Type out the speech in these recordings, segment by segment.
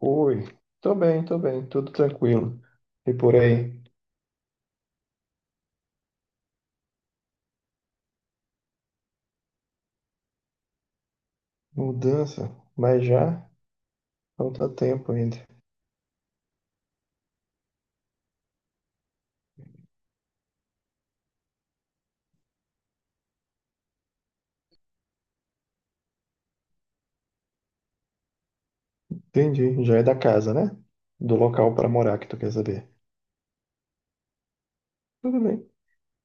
Oi, tô bem, tudo tranquilo. E por aí? Mudança, mas já falta tempo ainda. Entendi, já é da casa, né? Do local pra morar que tu quer saber. Tudo bem.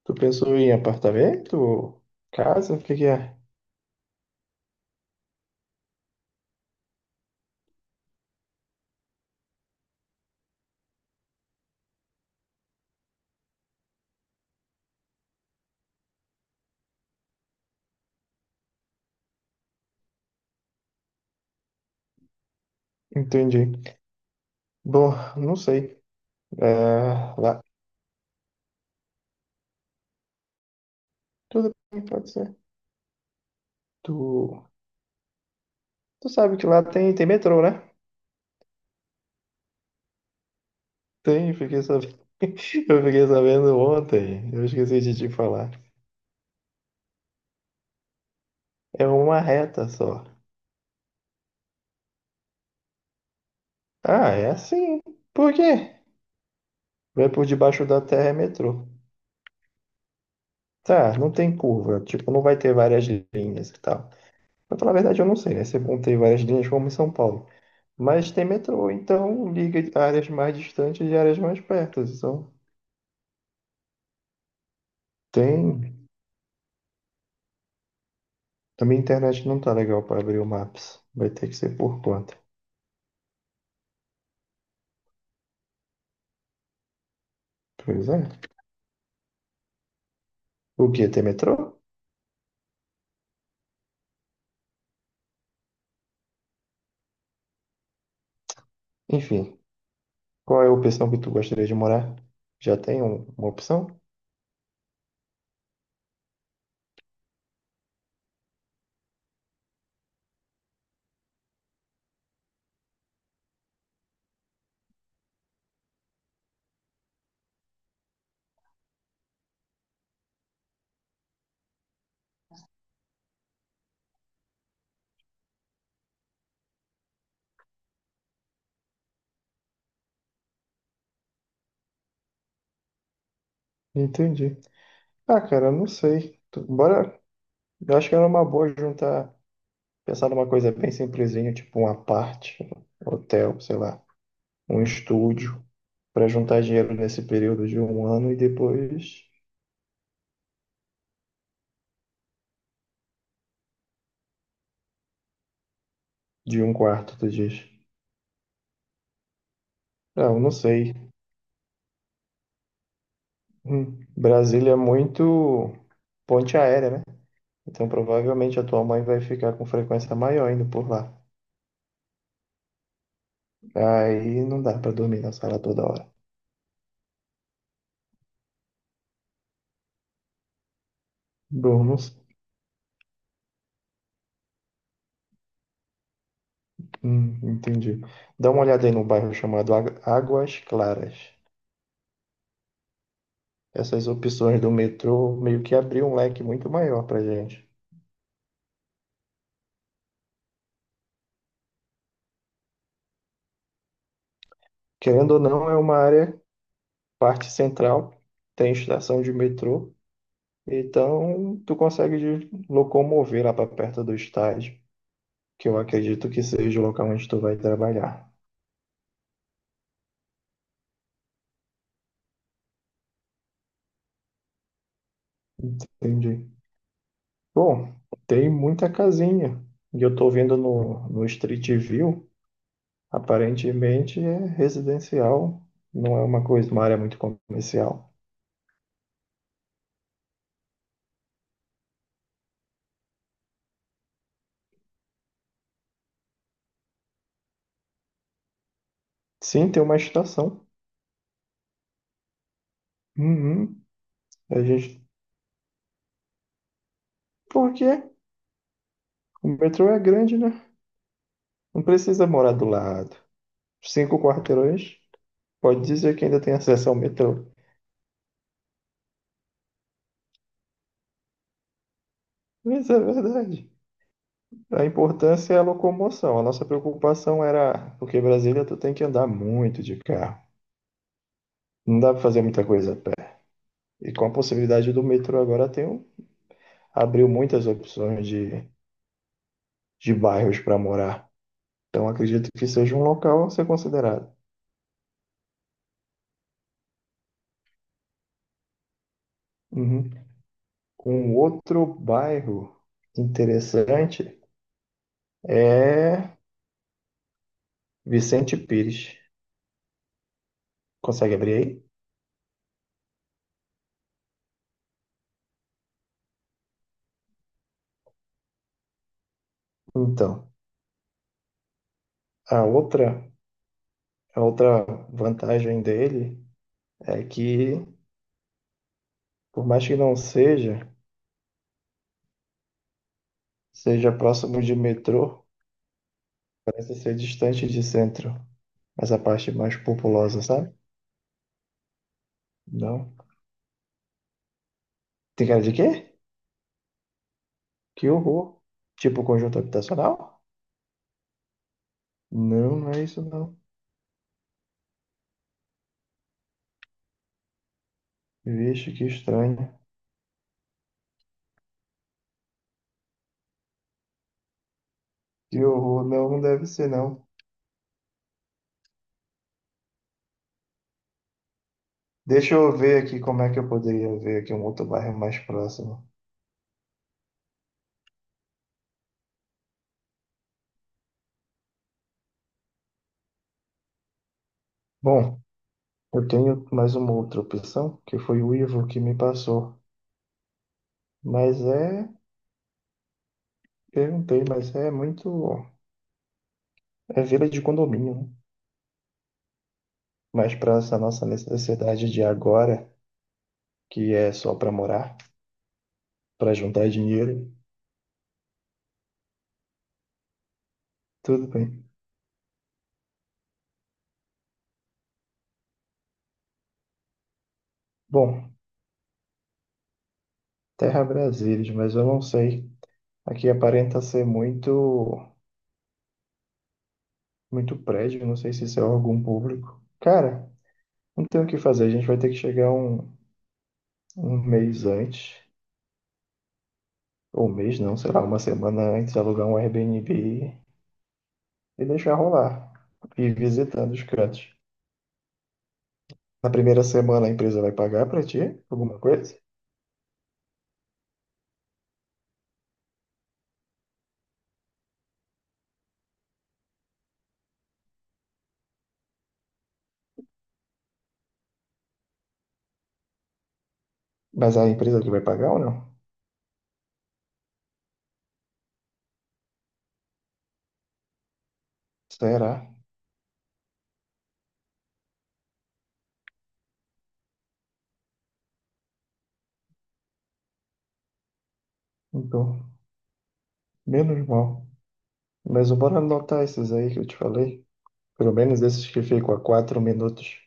Tu pensou em apartamento, ou casa, o que que é? Entendi. Bom, não sei. É, lá, tudo bem, pode ser. Tu, tu sabe que lá tem metrô, né? Tem, fiquei sabendo. Eu fiquei sabendo ontem, eu esqueci de te falar. É uma reta só. Ah, é assim. Por quê? Vai por debaixo da terra é metrô. Tá, não tem curva. Tipo, não vai ter várias linhas e tal. Pra falar a verdade, eu não sei, né? Se vão ter várias linhas como em São Paulo. Mas tem metrô, então liga áreas mais distantes e áreas mais perto. Então, tem. A minha internet não tá legal para abrir o Maps. Vai ter que ser por conta. Pois é. O quê? Tem metrô? Enfim, qual é a opção que tu gostaria de morar? Já tem uma opção? Entendi. Ah, cara, eu não sei. Tu- Bora. Eu acho que era uma boa juntar, pensar numa coisa bem simplesinha, tipo um aparte, hotel, sei lá, um estúdio, para juntar dinheiro nesse período de um ano e depois de um quarto, tu diz. Ah, eu não sei. Brasília é muito ponte aérea, né? Então provavelmente a tua mãe vai ficar com frequência maior indo por lá. Aí não dá para dormir na sala toda hora. Bom, não sei. Entendi. Dá uma olhada aí no bairro chamado Águas Claras. Essas opções do metrô meio que abriu um leque muito maior para gente. Querendo ou não, é uma área, parte central, tem estação de metrô, então tu consegue locomover lá para perto do estádio, que eu acredito que seja o local onde tu vai trabalhar. Entendi. Bom, tem muita casinha, e eu tô vendo no Street View, aparentemente é residencial, não é uma coisa, uma área muito comercial. Sim, tem uma estação. Uhum. A gente porque o metrô é grande, né? Não precisa morar do lado. Cinco quarteirões, pode dizer que ainda tem acesso ao metrô. Mas é verdade. A importância é a locomoção. A nossa preocupação era, porque Brasília tu tem que andar muito de carro. Não dá para fazer muita coisa a pé. E com a possibilidade do metrô agora tem abriu muitas opções de bairros para morar. Então acredito que seja um local a ser considerado. Uhum. Um outro bairro interessante é Vicente Pires. Consegue abrir aí? Então, a outra, a outra vantagem dele é que, por mais que não seja, seja próximo de metrô, parece ser distante de centro. Mas a parte mais populosa, sabe? Não. Tem cara de quê? Que horror. Tipo conjunto habitacional? Não, não é isso não. Vixe, que estranho. Que horror. Não, não deve ser não. Deixa eu ver aqui como é que eu poderia ver aqui um outro bairro mais próximo. Bom, eu tenho mais uma outra opção, que foi o Ivo que me passou. Mas é, perguntei, mas é muito, é vila de condomínio, né? Mas para essa nossa necessidade de agora, que é só para morar, para juntar dinheiro, tudo bem. Bom, Terra Brasília, mas eu não sei. Aqui aparenta ser muito, muito prédio, não sei se isso é órgão público. Cara, não tem o que fazer, a gente vai ter que chegar um mês antes ou um mês não, sei lá, uma semana antes, alugar um Airbnb e deixar rolar. Ir visitando os cantos. Na primeira semana a empresa vai pagar pra ti alguma coisa? Mas é a empresa que vai pagar ou não? Será? Então, menos mal. Mas bora anotar esses aí que eu te falei. Pelo menos esses que ficam a 4 minutos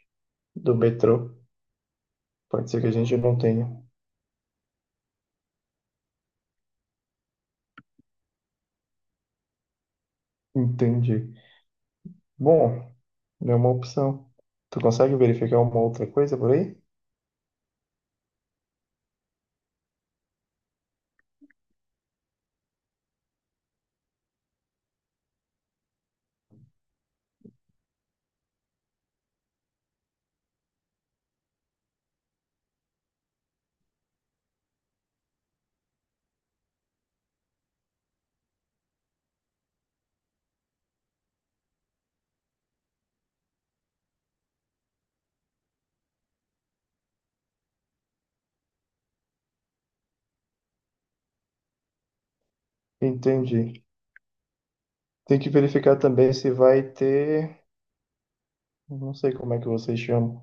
do metrô. Pode ser que a gente não tenha. Entendi. Bom, é uma opção. Tu consegue verificar uma outra coisa por aí? Entendi. Tem que verificar também se vai ter, não sei como é que vocês chamam,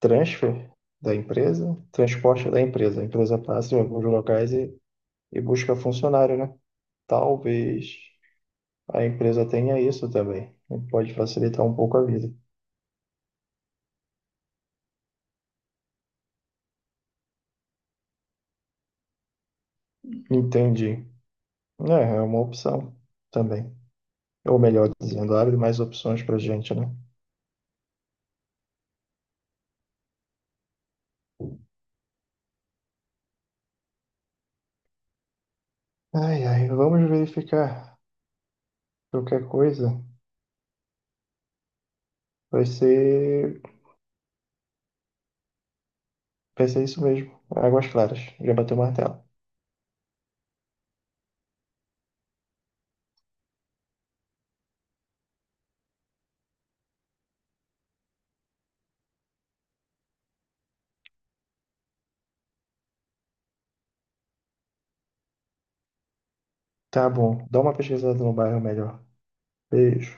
transfer da empresa, transporte da empresa. A empresa passa em alguns locais e busca funcionário, né? Talvez a empresa tenha isso também. Pode facilitar um pouco a vida. Entendi. É uma opção também. Ou melhor dizendo, abre mais opções pra gente, né? Ai, ai, vamos verificar. Qualquer coisa vai ser, vai ser isso mesmo. Águas Claras. Já bateu o martelo. Tá bom. Dá uma pesquisada no bairro melhor. Beijo.